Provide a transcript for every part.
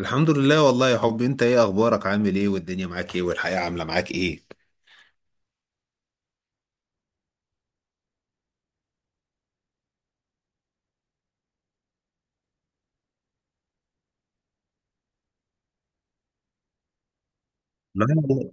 الحمد لله، والله يا حبي. انت ايه اخبارك؟ عامل ايه؟ والدنيا معاك ايه؟ والحياة عاملة معاك ايه؟ لا لا.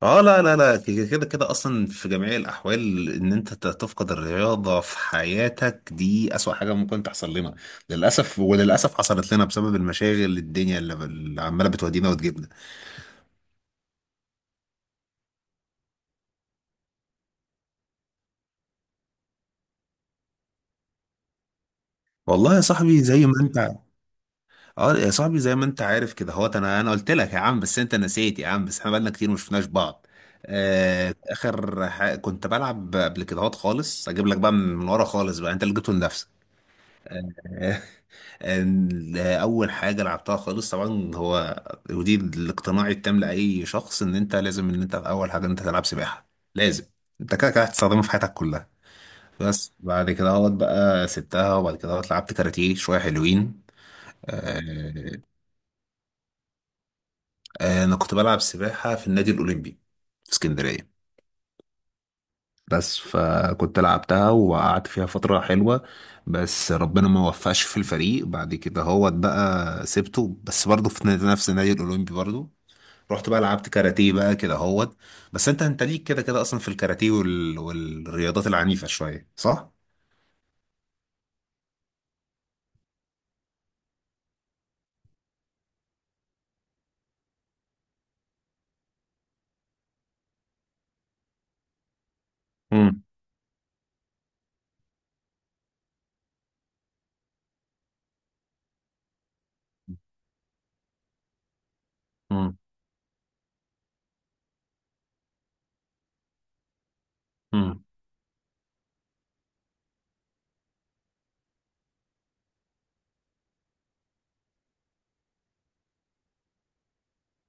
اه، لا لا لا، كده كده كده اصلا في جميع الاحوال ان انت تفقد الرياضة في حياتك، دي اسوأ حاجة ممكن تحصل لنا للاسف. وللاسف حصلت لنا بسبب المشاغل، الدنيا اللي عمالة بتودينا وتجيبنا. والله يا صاحبي زي ما انت، اه يا صاحبي زي ما انت عارف كده هو، انا قلت لك يا عم بس انت نسيت يا عم، بس احنا بقالنا كتير ما شفناش بعض. آه، كنت بلعب قبل كده هوت خالص، اجيب لك بقى من ورا خالص بقى انت اللي جبته لنفسك. آه، آه، اول حاجه لعبتها خالص طبعا هو، ودي الاقتناع التام لاي شخص، ان انت لازم ان انت اول حاجه ان انت تلعب سباحه. لازم. انت كده كده هتستخدمها في حياتك كلها. بس بعد كده هوت بقى سبتها، وبعد كده هوت لعبت كاراتيه شويه حلوين. آه، آه، انا كنت بلعب سباحه في النادي الاولمبي في اسكندريه. بس فكنت لعبتها وقعدت فيها فترة حلوة، بس ربنا ما وفقش في الفريق. بعد كده هو بقى سبته، بس برضه في نفس النادي الأولمبي برضه رحت بقى لعبت كاراتيه بقى كده هوت. بس انت ليك كده كده اصلا في الكاراتيه والرياضات العنيفة شوية، صح؟ امم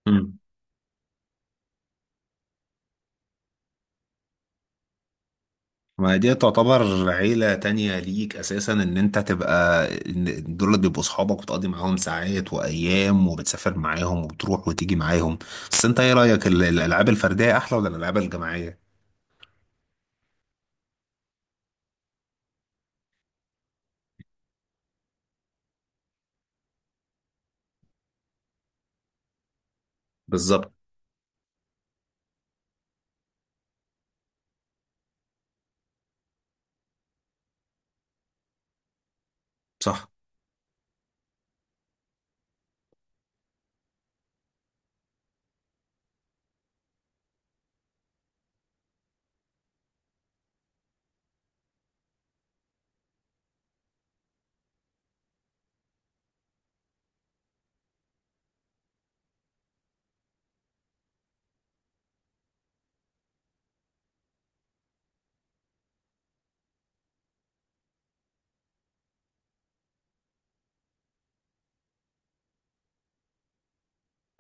امم ما دي تعتبر عيلة تانية ليك أساسا، إن أنت تبقى إن دول بيبقوا صحابك وتقضي معاهم ساعات وأيام وبتسافر معاهم وبتروح وتيجي معاهم. بس أنت إيه رأيك؟ الألعاب الفردية أحلى ولا الألعاب الجماعية؟ بالظبط، صح.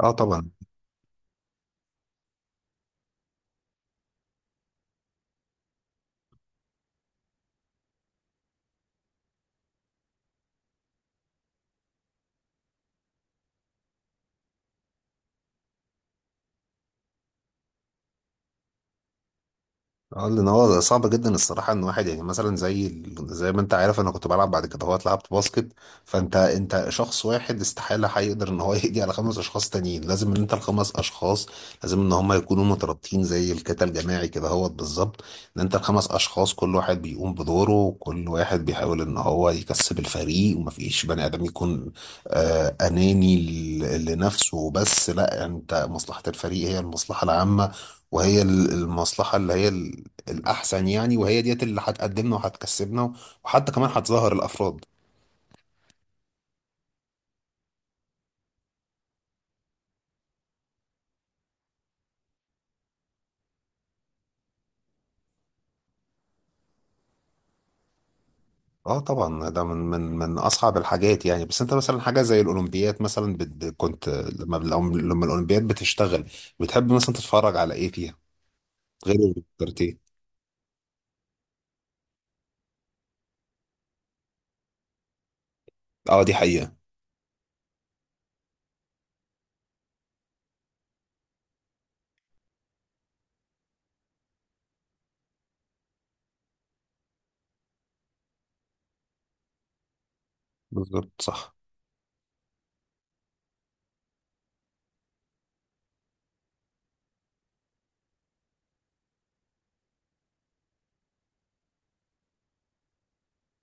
اه، طبعا. اه، لان هو صعب جدا الصراحه ان واحد، يعني مثلا زي زي ما انت عارف انا كنت بلعب بعد كده هوت لعبت باسكت. فانت شخص واحد استحاله هيقدر ان هو يقضي على خمس اشخاص تانيين. لازم ان انت الخمس اشخاص، لازم ان هم يكونوا مترابطين زي الكتل الجماعي كده هوت بالظبط. ان انت الخمس اشخاص كل واحد بيقوم بدوره وكل واحد بيحاول ان هو يكسب الفريق، ومفيش بني ادم يكون آه اناني لنفسه بس. لا، انت مصلحه الفريق هي المصلحه العامه، وهي المصلحة اللي هي الأحسن يعني، وهي ديت اللي هتقدمنا وهتكسبنا، وحتى كمان هتظهر الأفراد. اه، طبعا ده من من اصعب الحاجات يعني. بس انت مثلا حاجه زي الاولمبياد مثلا، كنت لما لما الاولمبياد بتشتغل، بتحب مثلا تتفرج على ايه فيها غير الكاراتيه؟ اه، دي حقيقه. بالظبط، صح.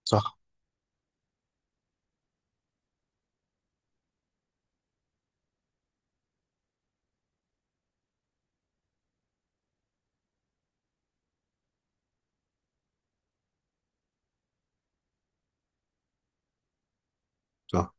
صح، صح.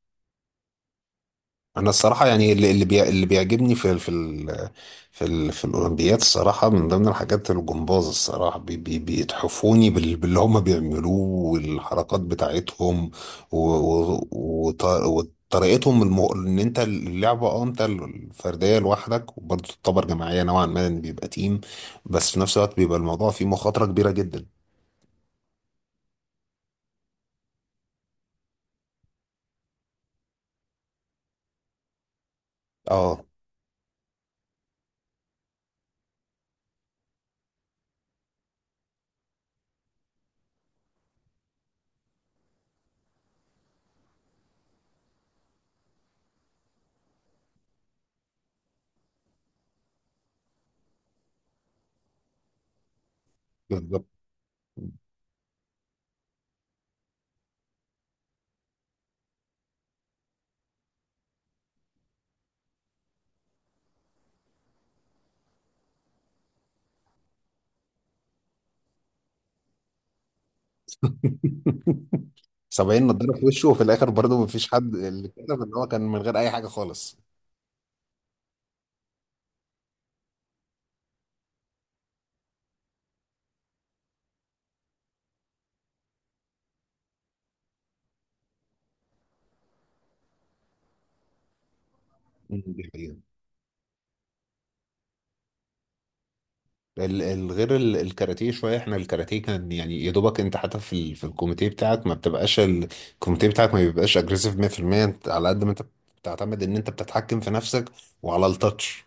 انا الصراحه يعني اللي بيعجبني في ال- في ال في ال في الاولمبياد الصراحه، من ضمن الحاجات الجمباز، الصراحه بي بي بيتحفوني باللي هم بيعملوه والحركات بتاعتهم وطريقتهم ان انت اللعبه اه انت الفرديه لوحدك، وبرضه تعتبر جماعيه نوعا ما لأن بيبقى تيم، بس في نفس الوقت بيبقى الموضوع فيه مخاطره كبيره جدا. اه، بالظبط. 70 نضاره في وشه، وفي الاخر برضه مفيش حد، اللي كده ان هو كان من غير اي حاجه خالص. غير الكاراتيه شويه، احنا الكاراتيه كان يعني يا دوبك انت، حتى في في الكوميتيه بتاعك ما بيبقاش اجريسيف 100%. انت على قد ما انت بتعتمد ان انت بتتحكم في نفسك وعلى التاتش.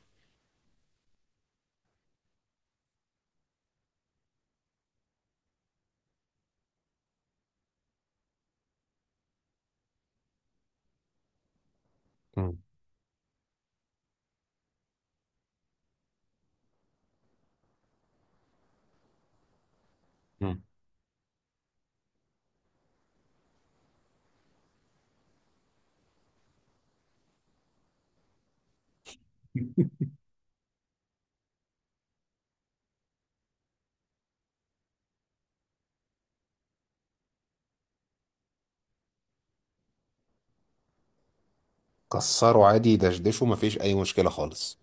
مم. مم. كسره عادي، دشدشه، ما فيش اي مشكله خالص.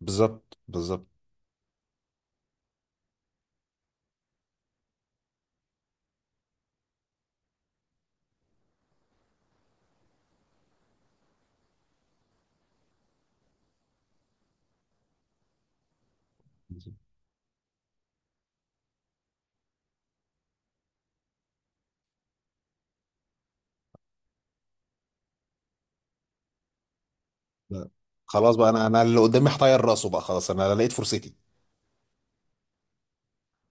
بالظبط، بالظبط. بالظبط. لا. خلاص بقى، انا اللي قدامي هطير راسه بقى، خلاص انا لقيت فرصتي.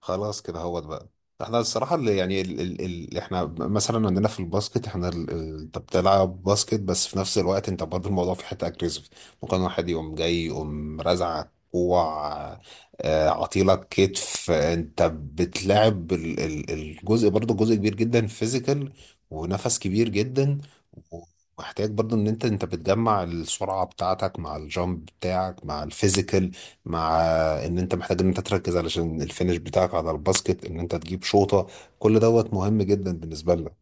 خلاص كده هو بقى. احنا الصراحة اللي يعني ال ال ال احنا مثلا عندنا في الباسكت، احنا انت بتلعب باسكت بس في نفس الوقت انت برضه الموضوع في حتة اجريسيف. ممكن واحد يقوم جاي يقوم رازعك كوع، عطيلك كتف، انت بتلعب ال ال الجزء برضه جزء كبير جدا فيزيكال، ونفس كبير جدا. ومحتاج برضه ان انت بتجمع السرعة بتاعتك مع الجامب بتاعك مع الفيزيكال، مع ان انت محتاج ان انت تركز علشان الفينش بتاعك على الباسكت ان انت تجيب شوطة. كل دوت مهم جدا بالنسبة لك.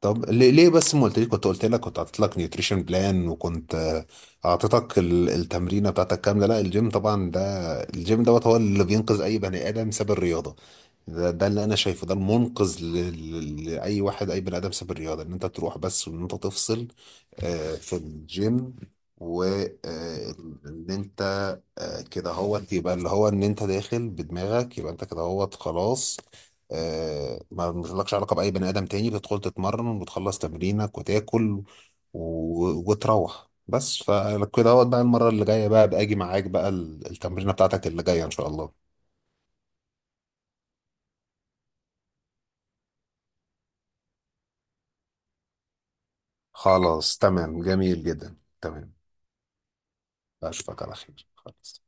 طب ليه بس ما قلتليش؟ كنت قلت لك كنت حاطط لك نيوتريشن بلان، وكنت اعطيتك التمرينه بتاعتك كامله. لا الجيم طبعا ده، الجيم دوت هو اللي بينقذ اي بني ادم ساب الرياضه. ده، ده اللي انا شايفه، ده المنقذ لاي واحد، اي بني ادم ساب الرياضه، ان انت تروح بس وان انت تفصل في الجيم. وان انت كده هو يبقى اللي هو ان انت داخل بدماغك يبقى انت كده هو خلاص. ما لكش علاقه باي بني ادم تاني، بتدخل تتمرن وبتخلص تمرينك وتاكل وتروح بس. فكده هو بقى، المره اللي جايه بقى باجي معاك بقى التمرينه بتاعتك اللي جايه ان شاء الله. خلاص تمام، جميل جدا، تمام. اشوفك على خير، خلاص.